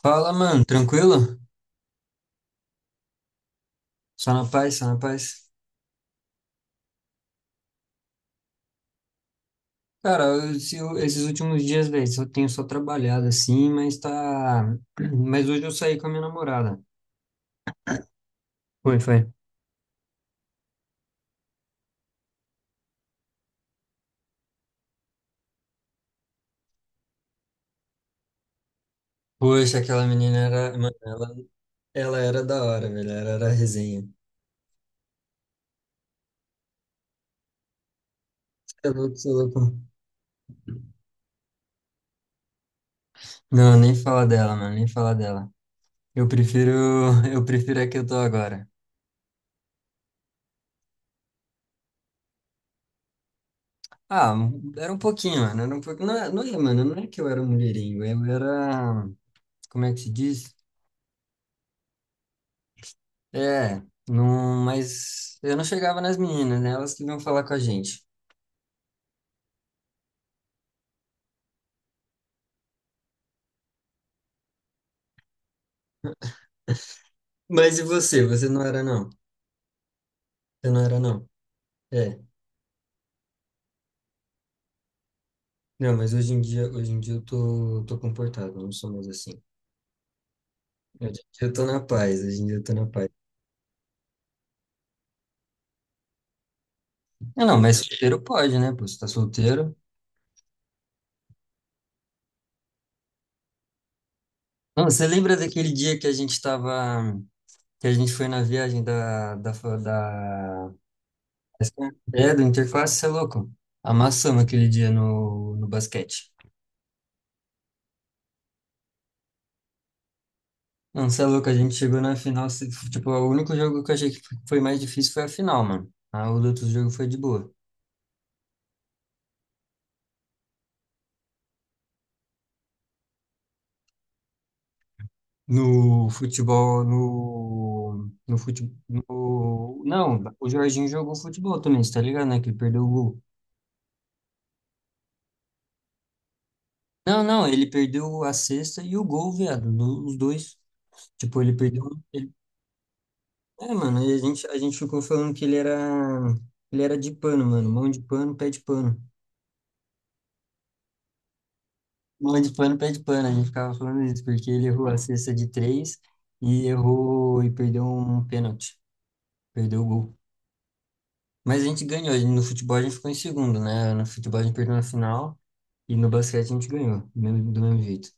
Fala, mano, tranquilo? Só na paz, só na paz. Cara, eu- se eu- esses últimos dias, velho, eu tenho só trabalhado assim, mas tá. Mas hoje eu saí com a minha namorada. Foi, foi. Poxa, aquela menina era. Mano, ela era da hora, velho. Ela era resenha. Você é louco, você é louco. Não, nem fala dela, mano, nem fala dela. Eu prefiro. Eu prefiro a que eu tô agora. Ah, era um pouquinho, mano. Era um pouquinho. Não, não é, mano, não é que eu era um mulherengo, eu era. Como é que se diz? É, não, mas eu não chegava nas meninas, né? Elas que vinham falar com a gente. Mas e você? Você não era, não? Você não era, não? É. Não, mas hoje em dia eu tô comportado, eu não sou mais assim. Hoje em dia eu tô na paz, hoje em dia eu tô na paz. Não, não, mas solteiro pode, né? Pô, você tá solteiro. Não, você lembra daquele dia que a gente tava, que a gente foi na viagem da, da, fa- da, é, do Interface, você é louco? Amassamos aquele dia no basquete. Não, você é louco, a gente chegou na final, tipo, o único jogo que eu achei que foi mais difícil foi a final, mano. Ah, o outro jogo foi de boa. No futebol, no, no futebol, no, não, o Jorginho jogou futebol também, você tá ligado, né, que ele perdeu o gol. Não, não, ele perdeu a cesta e o gol, viado, os dois. Tipo, ele perdeu, ele, mano, e a gente ficou falando que ele era de pano, mano, mão de pano, pé de pano. Bola de pano, pé de pano, a gente ficava falando isso, porque ele errou a cesta de três e errou e perdeu um pênalti, perdeu o gol. Mas a gente ganhou, no futebol a gente ficou em segundo, né? No futebol a gente perdeu na final e no basquete a gente ganhou, do mesmo jeito.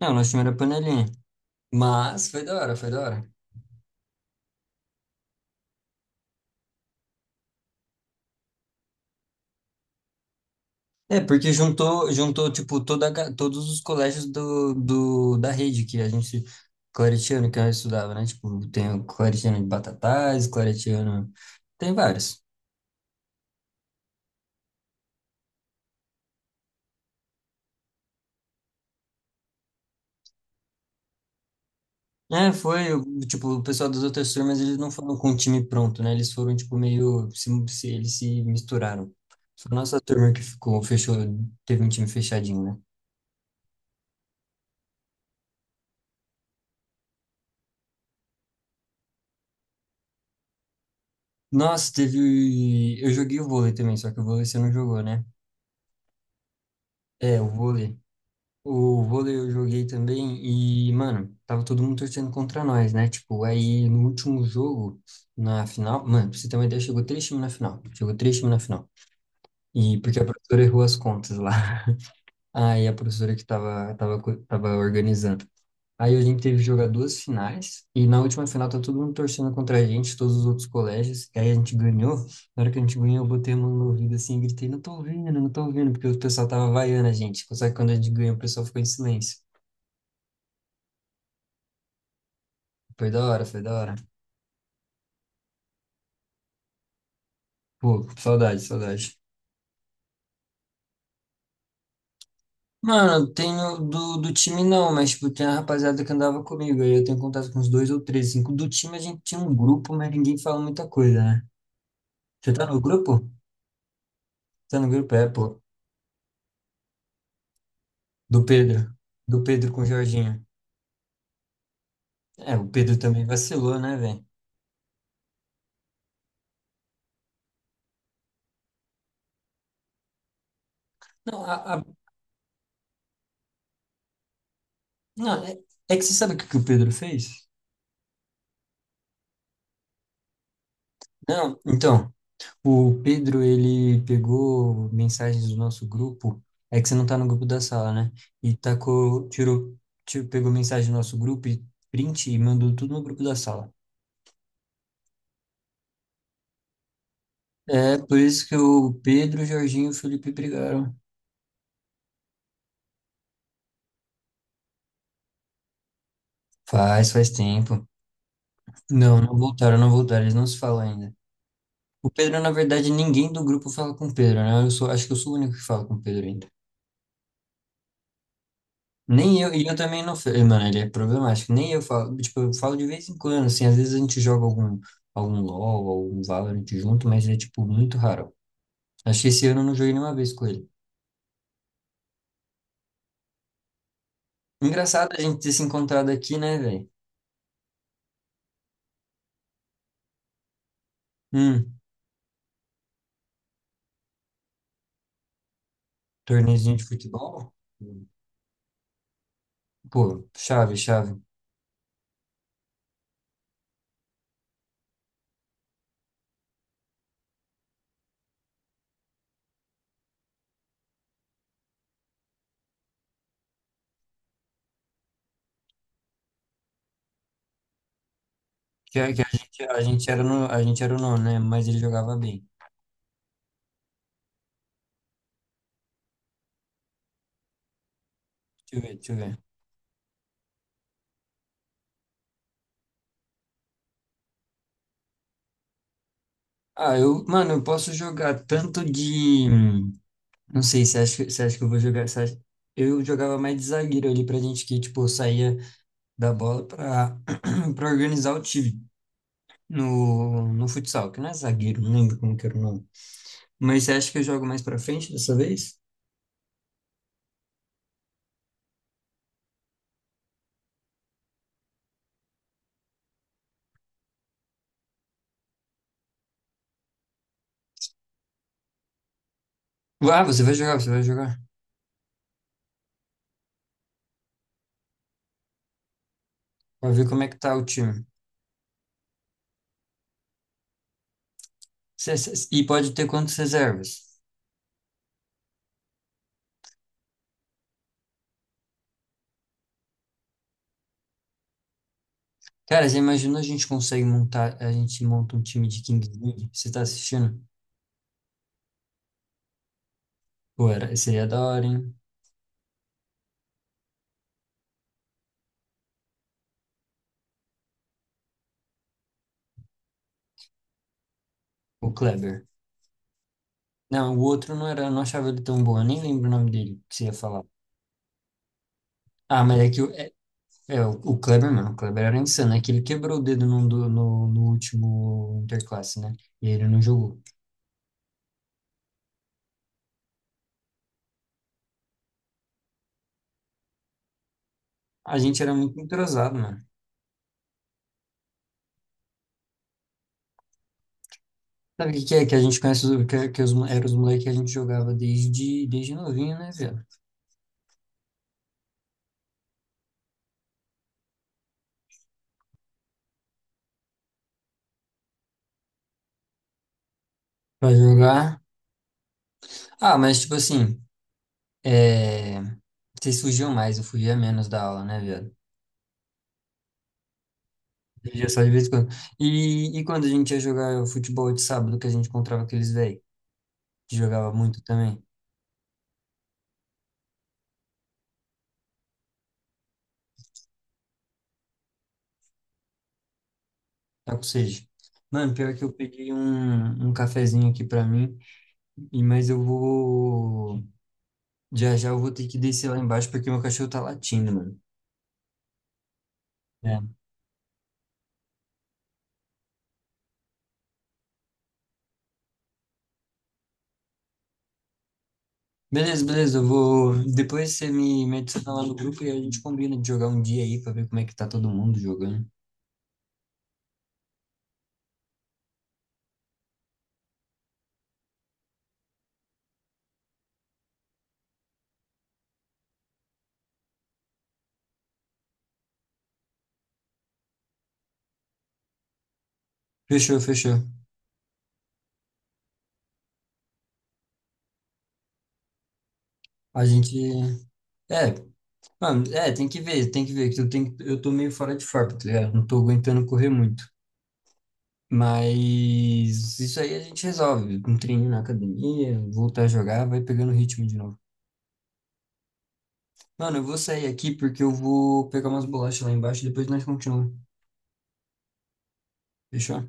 Não, nosso time era panelinha, mas foi da hora, foi da hora. É, porque juntou tipo, todos os colégios da rede que a gente. Claretiano que eu estudava, né? Tipo, tem o Claretiano de Batatais, Claretiano, tem vários. É, foi, tipo, o pessoal das outras turmas, eles não foram com o time pronto, né? Eles foram, tipo, meio, eles se misturaram. Foi a nossa turma que ficou, fechou, teve um time fechadinho, né? Nossa, teve, eu joguei o vôlei também, só que o vôlei você não jogou, né? É, o vôlei. O vôlei eu joguei também e, mano, tava todo mundo torcendo contra nós, né? Tipo, aí no último jogo, na final, mano, pra você ter uma ideia, chegou três times na final. Chegou três times na final. E porque a professora errou as contas lá. Aí a professora que estava tava, tava co- tava organizando. Aí a gente teve que jogar duas finais, e na última final tá todo mundo torcendo contra a gente, todos os outros colégios, e aí a gente ganhou. Na hora que a gente ganhou, eu botei a mão no ouvido assim, e gritei, não tô vendo, não tô vendo, porque o pessoal tava vaiando a gente. Só que quando a gente ganhou, o pessoal ficou em silêncio. Foi da hora, foi da hora. Pô, saudade, saudade. Mano, tenho do time não, mas tipo, tem a rapaziada que andava comigo, aí eu tenho contato com uns dois ou três, cinco. Do time a gente tinha um grupo, mas ninguém fala muita coisa, né? Você tá no grupo? Tá no grupo, é, pô. Do Pedro. Do Pedro com o Jorginho. É, o Pedro também vacilou, né, velho? Não, não é, é que você sabe o que o Pedro fez? Não, então, o Pedro, ele pegou mensagens do nosso grupo. É que você não tá no grupo da sala, né? E tacou, tirou, pegou mensagem do nosso grupo e print e mandou tudo no grupo da sala. É, por isso que o Pedro, o Jorginho e o Felipe brigaram. Faz, faz tempo. Não, não voltaram, não voltaram, eles não se falam ainda. O Pedro, na verdade, ninguém do grupo fala com o Pedro, né? Acho que eu sou o único que fala com o Pedro ainda. Nem eu, e eu também não, mano, ele é problemático. Nem eu falo, tipo, eu falo de vez em quando, assim, às vezes a gente joga algum LoL, algum Valorant junto, mas é, tipo, muito raro. Acho que esse ano eu não joguei nenhuma vez com ele. Engraçado a gente ter se encontrado aqui, né, velho? Hum, Torneiozinho de futebol? Pô, chave, chave. Que a gente era no, a gente era o nono, né? Mas ele jogava bem. Deixa eu ver, deixa eu ver. Ah, eu, mano, eu posso jogar tanto de. Não sei, você acha, você acha que eu vou jogar. Eu jogava mais de zagueiro ali pra gente que, tipo, saía da bola pra, pra organizar o time no futsal, que não é zagueiro, não lembro como que era o nome. Mas você acha que eu jogo mais pra frente dessa vez? Ah, você vai jogar, você vai jogar. Pra ver como é que tá o time. E pode ter quantas reservas? Cara, você imagina a gente consegue montar, a gente monta um time de Kings League? Você tá assistindo? Pô, seria da hora, hein? O Kleber. Não, o outro não era, eu não achava ele tão bom, eu nem lembro o nome dele que você ia falar. Ah, mas é que o Kleber, mano, o Kleber era insano, é que ele quebrou o dedo no último Interclasse, né? E ele não jogou. A gente era muito entrosado, mano. Sabe o que que é? Que a gente conhece, eram os moleques que a gente jogava desde novinho, né, velho? Pra jogar. Ah, mas tipo assim, é, vocês fugiam mais, eu fugia menos da aula, né, velho? Ele já só de vez em quando. E quando a gente ia jogar futebol de sábado, que a gente encontrava aqueles velhos que jogava muito também. Tá com sede. Mano, pior que eu peguei um cafezinho aqui pra mim, e mas eu vou. Já já eu vou ter que descer lá embaixo porque meu cachorro tá latindo, mano. É. Beleza, beleza, eu vou. Depois você me adiciona lá no grupo e a gente combina de jogar um dia aí pra ver como é que tá todo mundo jogando. Fechou, fechou. A gente. É, mano, tem que ver, eu tô meio fora de forma, tá ligado? Não tô aguentando correr muito. Mas isso aí a gente resolve. Um treininho na academia, voltar a jogar, vai pegando o ritmo de novo. Mano, eu vou sair aqui porque eu vou pegar umas bolachas lá embaixo e depois nós continuamos. Fechou?